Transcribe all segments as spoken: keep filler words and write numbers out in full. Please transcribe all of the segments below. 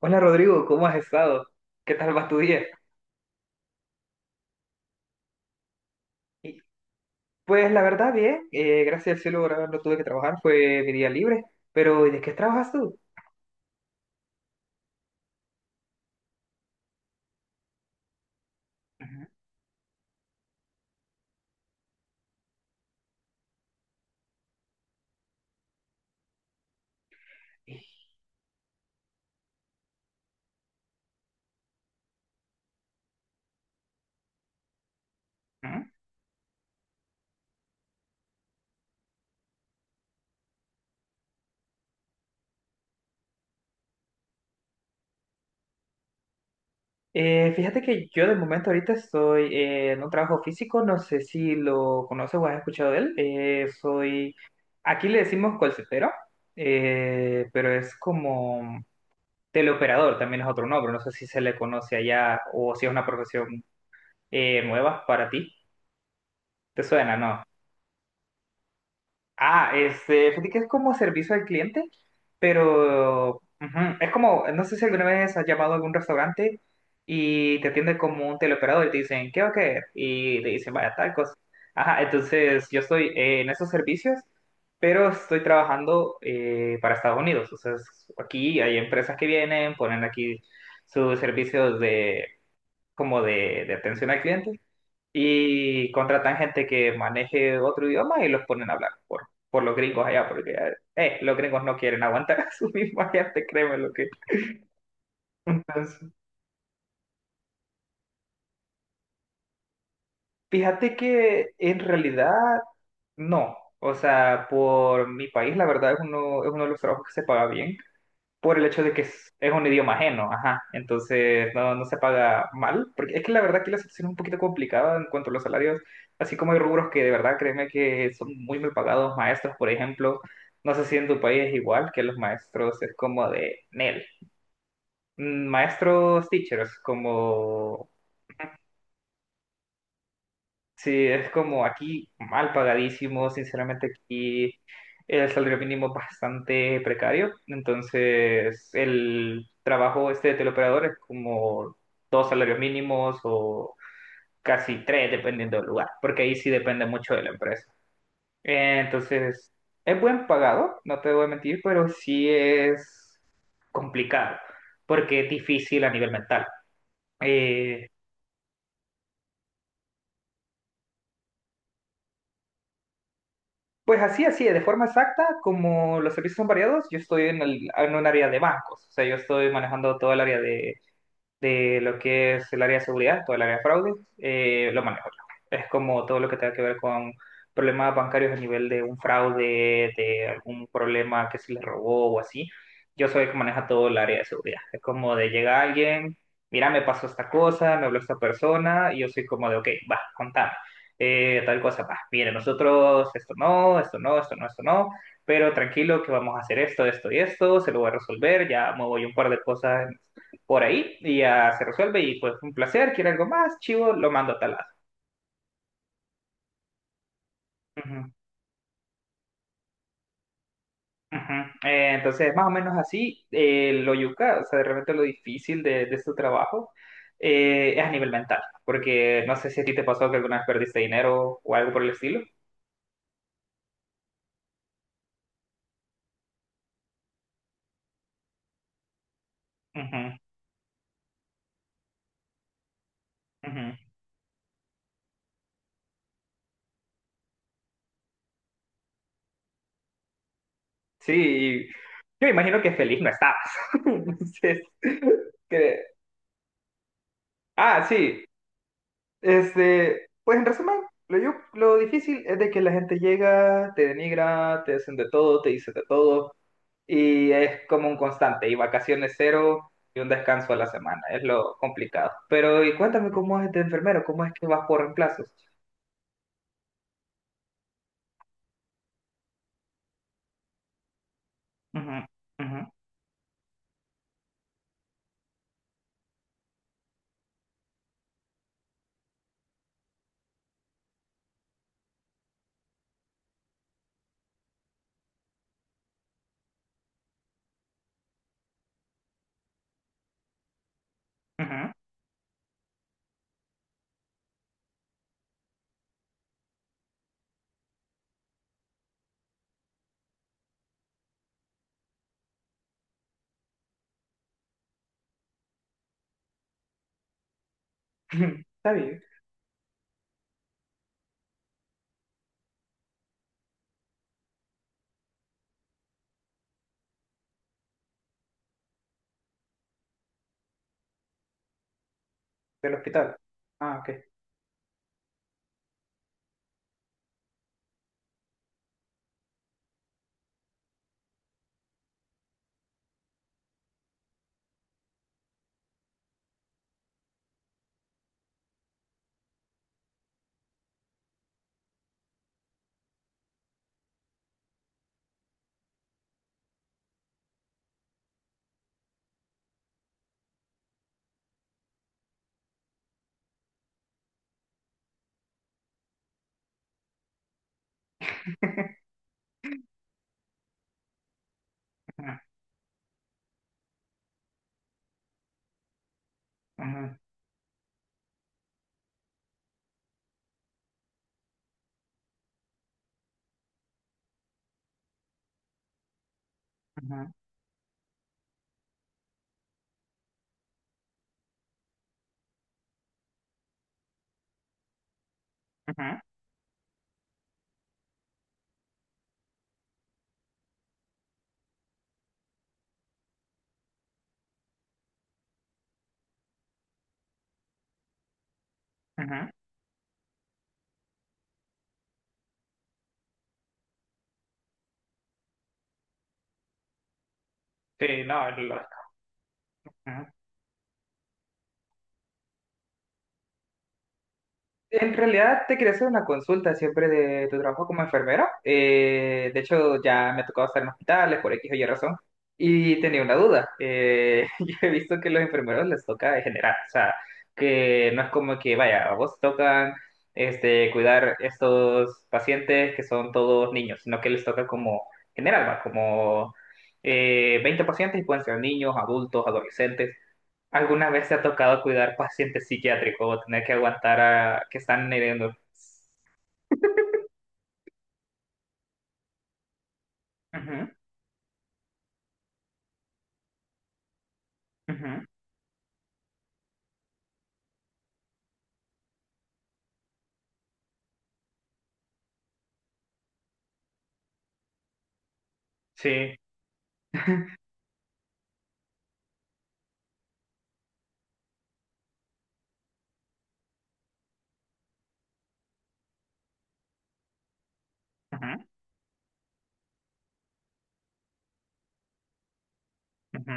Hola Rodrigo, ¿cómo has estado? ¿Qué tal va tu día? Y, Pues la verdad, bien. Eh, gracias al cielo, ahora no tuve que trabajar, fue mi día libre. Pero ¿y ¿de qué trabajas tú? Ujú. Ujú. Eh, fíjate que yo de momento ahorita estoy eh, en un trabajo físico, no sé si lo conoces o has escuchado de él. Eh, soy, aquí le decimos callcentero, eh, pero es como teleoperador, también es otro nombre, no sé si se le conoce allá o si es una profesión eh, nueva para ti. ¿Te suena, no? Ah, este, fíjate que es como servicio al cliente, pero ujú, es como, no sé si alguna vez has llamado a algún restaurante y te atiende como un teleoperador y te dicen, ¿qué va a querer? Y te dicen, vaya, tal cosa. Ajá, entonces yo estoy eh, en esos servicios, pero estoy trabajando eh, para Estados Unidos. O sea, es- aquí hay empresas que vienen, ponen aquí sus servicios de, como de, de atención al cliente. Y contratan gente que maneje otro idioma y los ponen a hablar por, por los gringos allá, porque eh, los gringos no quieren aguantar a su misma gente, créeme lo que. Entonces, fíjate que en realidad no. O sea, por mi país, la verdad es uno, es uno de los trabajos que se paga bien, por el hecho de que es, es un idioma ajeno, ajá, entonces no, no se paga mal, porque es que la verdad que la situación es un poquito complicada en cuanto a los salarios, así como hay rubros que de verdad créeme que son muy mal pagados, maestros, por ejemplo, no sé si en tu país es igual, que los maestros es como de N E L, Mm, maestros teachers, como sí, es como aquí mal pagadísimo, sinceramente aquí el salario mínimo es bastante precario, entonces el trabajo este de teleoperador es como dos salarios mínimos o casi tres dependiendo del lugar, porque ahí sí depende mucho de la empresa. Eh, Entonces, es buen pagado, no te voy a mentir, pero sí es complicado, porque es difícil a nivel mental. Eh, Pues así, así, de forma exacta, como los servicios son variados, yo estoy en, el, en un área de bancos, o sea, yo estoy manejando todo el área de, de lo que es el área de seguridad, todo el área de fraude, eh, lo manejo yo. Es como todo lo que tenga que ver con problemas bancarios a nivel de un fraude, de algún problema que se le robó o así. Yo soy el que maneja todo el área de seguridad. Es como de llega alguien, mira, me pasó esta cosa, me habló esta persona, y yo soy como de, ok, va, contame. Eh, tal cosa, va, mire, nosotros esto no, esto no, esto no, esto no, pero tranquilo que vamos a hacer esto, esto y esto, se lo voy a resolver, ya muevo yo un par de cosas por ahí y ya se resuelve y pues un placer, quiere algo más, chivo, lo mando a tal lado. Ujú, ujú. Eh, entonces, más o menos así, eh, lo yuca, o sea, de repente lo difícil de, de este trabajo eh, es a nivel mental, porque no sé si a ti te pasó que alguna vez perdiste dinero o algo por el estilo. Ujú, ujú. Sí, y yo imagino que feliz no estabas. Entonces, que- ah, sí. Este, pues en resumen, lo, yo- lo difícil es de que la gente llega, te denigra, te hacen de todo, te dicen de todo, y es como un constante, y vacaciones cero y un descanso a la semana, es lo complicado. Pero, y cuéntame cómo es de enfermero, cómo es que vas por reemplazos. Ujú, ujú, ujú. Está bien, del hospital. Ah, ok. Ujú, ujú, ujú, ujú, ujú. Sí, no, es lógico. En realidad te quería hacer una consulta siempre de tu trabajo como enfermera. Eh, de hecho, ya me ha tocado estar en hospitales por X o Y razón. Y tenía una duda. Eh, yo he visto que los enfermeros les toca en general. O sea, que no es como que, vaya, a vos tocan este, cuidar estos pacientes que son todos niños, sino que les toca como general, va, como eh, veinte pacientes y pueden ser niños, adultos, adolescentes. ¿Alguna vez te ha tocado cuidar pacientes psiquiátricos o tener que aguantar a que están heriendo? Ujú, ujú, sí, ujú, ujú,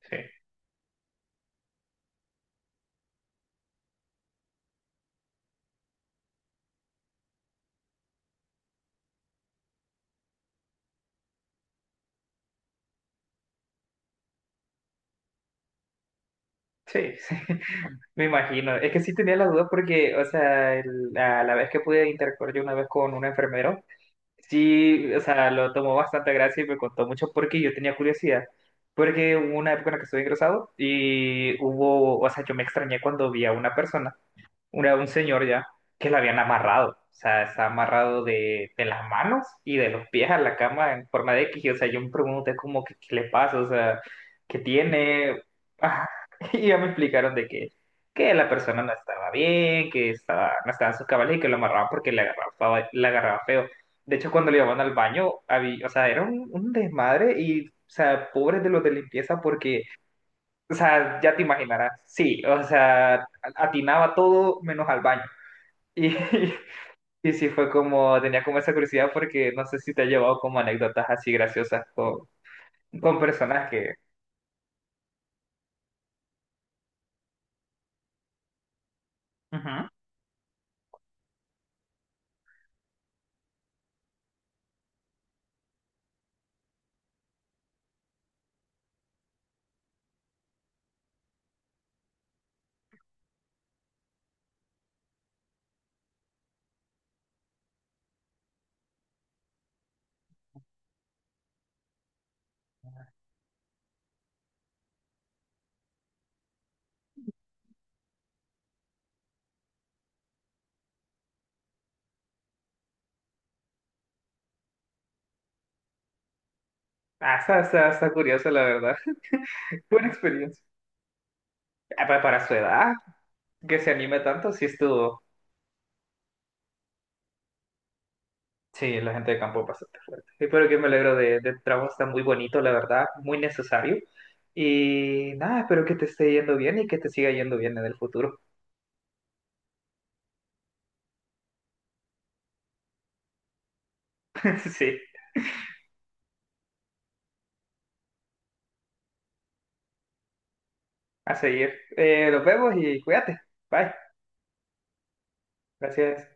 sí, sí, sí. Me imagino. Es que sí tenía la duda porque, o sea, el- a la vez que pude interactuar yo una vez con un enfermero, sí, o sea, lo tomó bastante gracia y me contó mucho porque yo tenía curiosidad. Porque hubo una época en la que estuve ingresado y hubo, o sea, yo me extrañé cuando vi a una persona. Era un señor ya que lo habían amarrado. O sea, está amarrado de, de las manos y de los pies a la cama en forma de X. O sea, yo me pregunté como que qué le pasa, o sea, qué tiene. Ah, y ya me explicaron de que, que la persona no estaba bien, que estaba, no estaba en sus cabales y que lo amarraban porque le agarraba, le agarraba feo. De hecho, cuando le llevaban al baño, había, o sea, era un, un desmadre y, o sea, pobres de los de limpieza porque o sea, ya te imaginarás. Sí, o sea, atinaba todo menos al baño. Y, y sí fue como, tenía como esa curiosidad porque no sé si te ha llevado como anécdotas así graciosas con, con personas que... Ujú. Ah, está, está- está curioso, la verdad. Buena experiencia. Ah, pa- para su edad, que se anime tanto, sí estuvo. Sí, la gente de campo es bastante fuerte. Sí, pero que me alegro de, de tu trabajo, está muy bonito, la verdad, muy necesario. Y nada, espero que te esté yendo bien y que te siga yendo bien en el futuro. Sí. A seguir. Eh, nos vemos y cuídate. Bye. Gracias.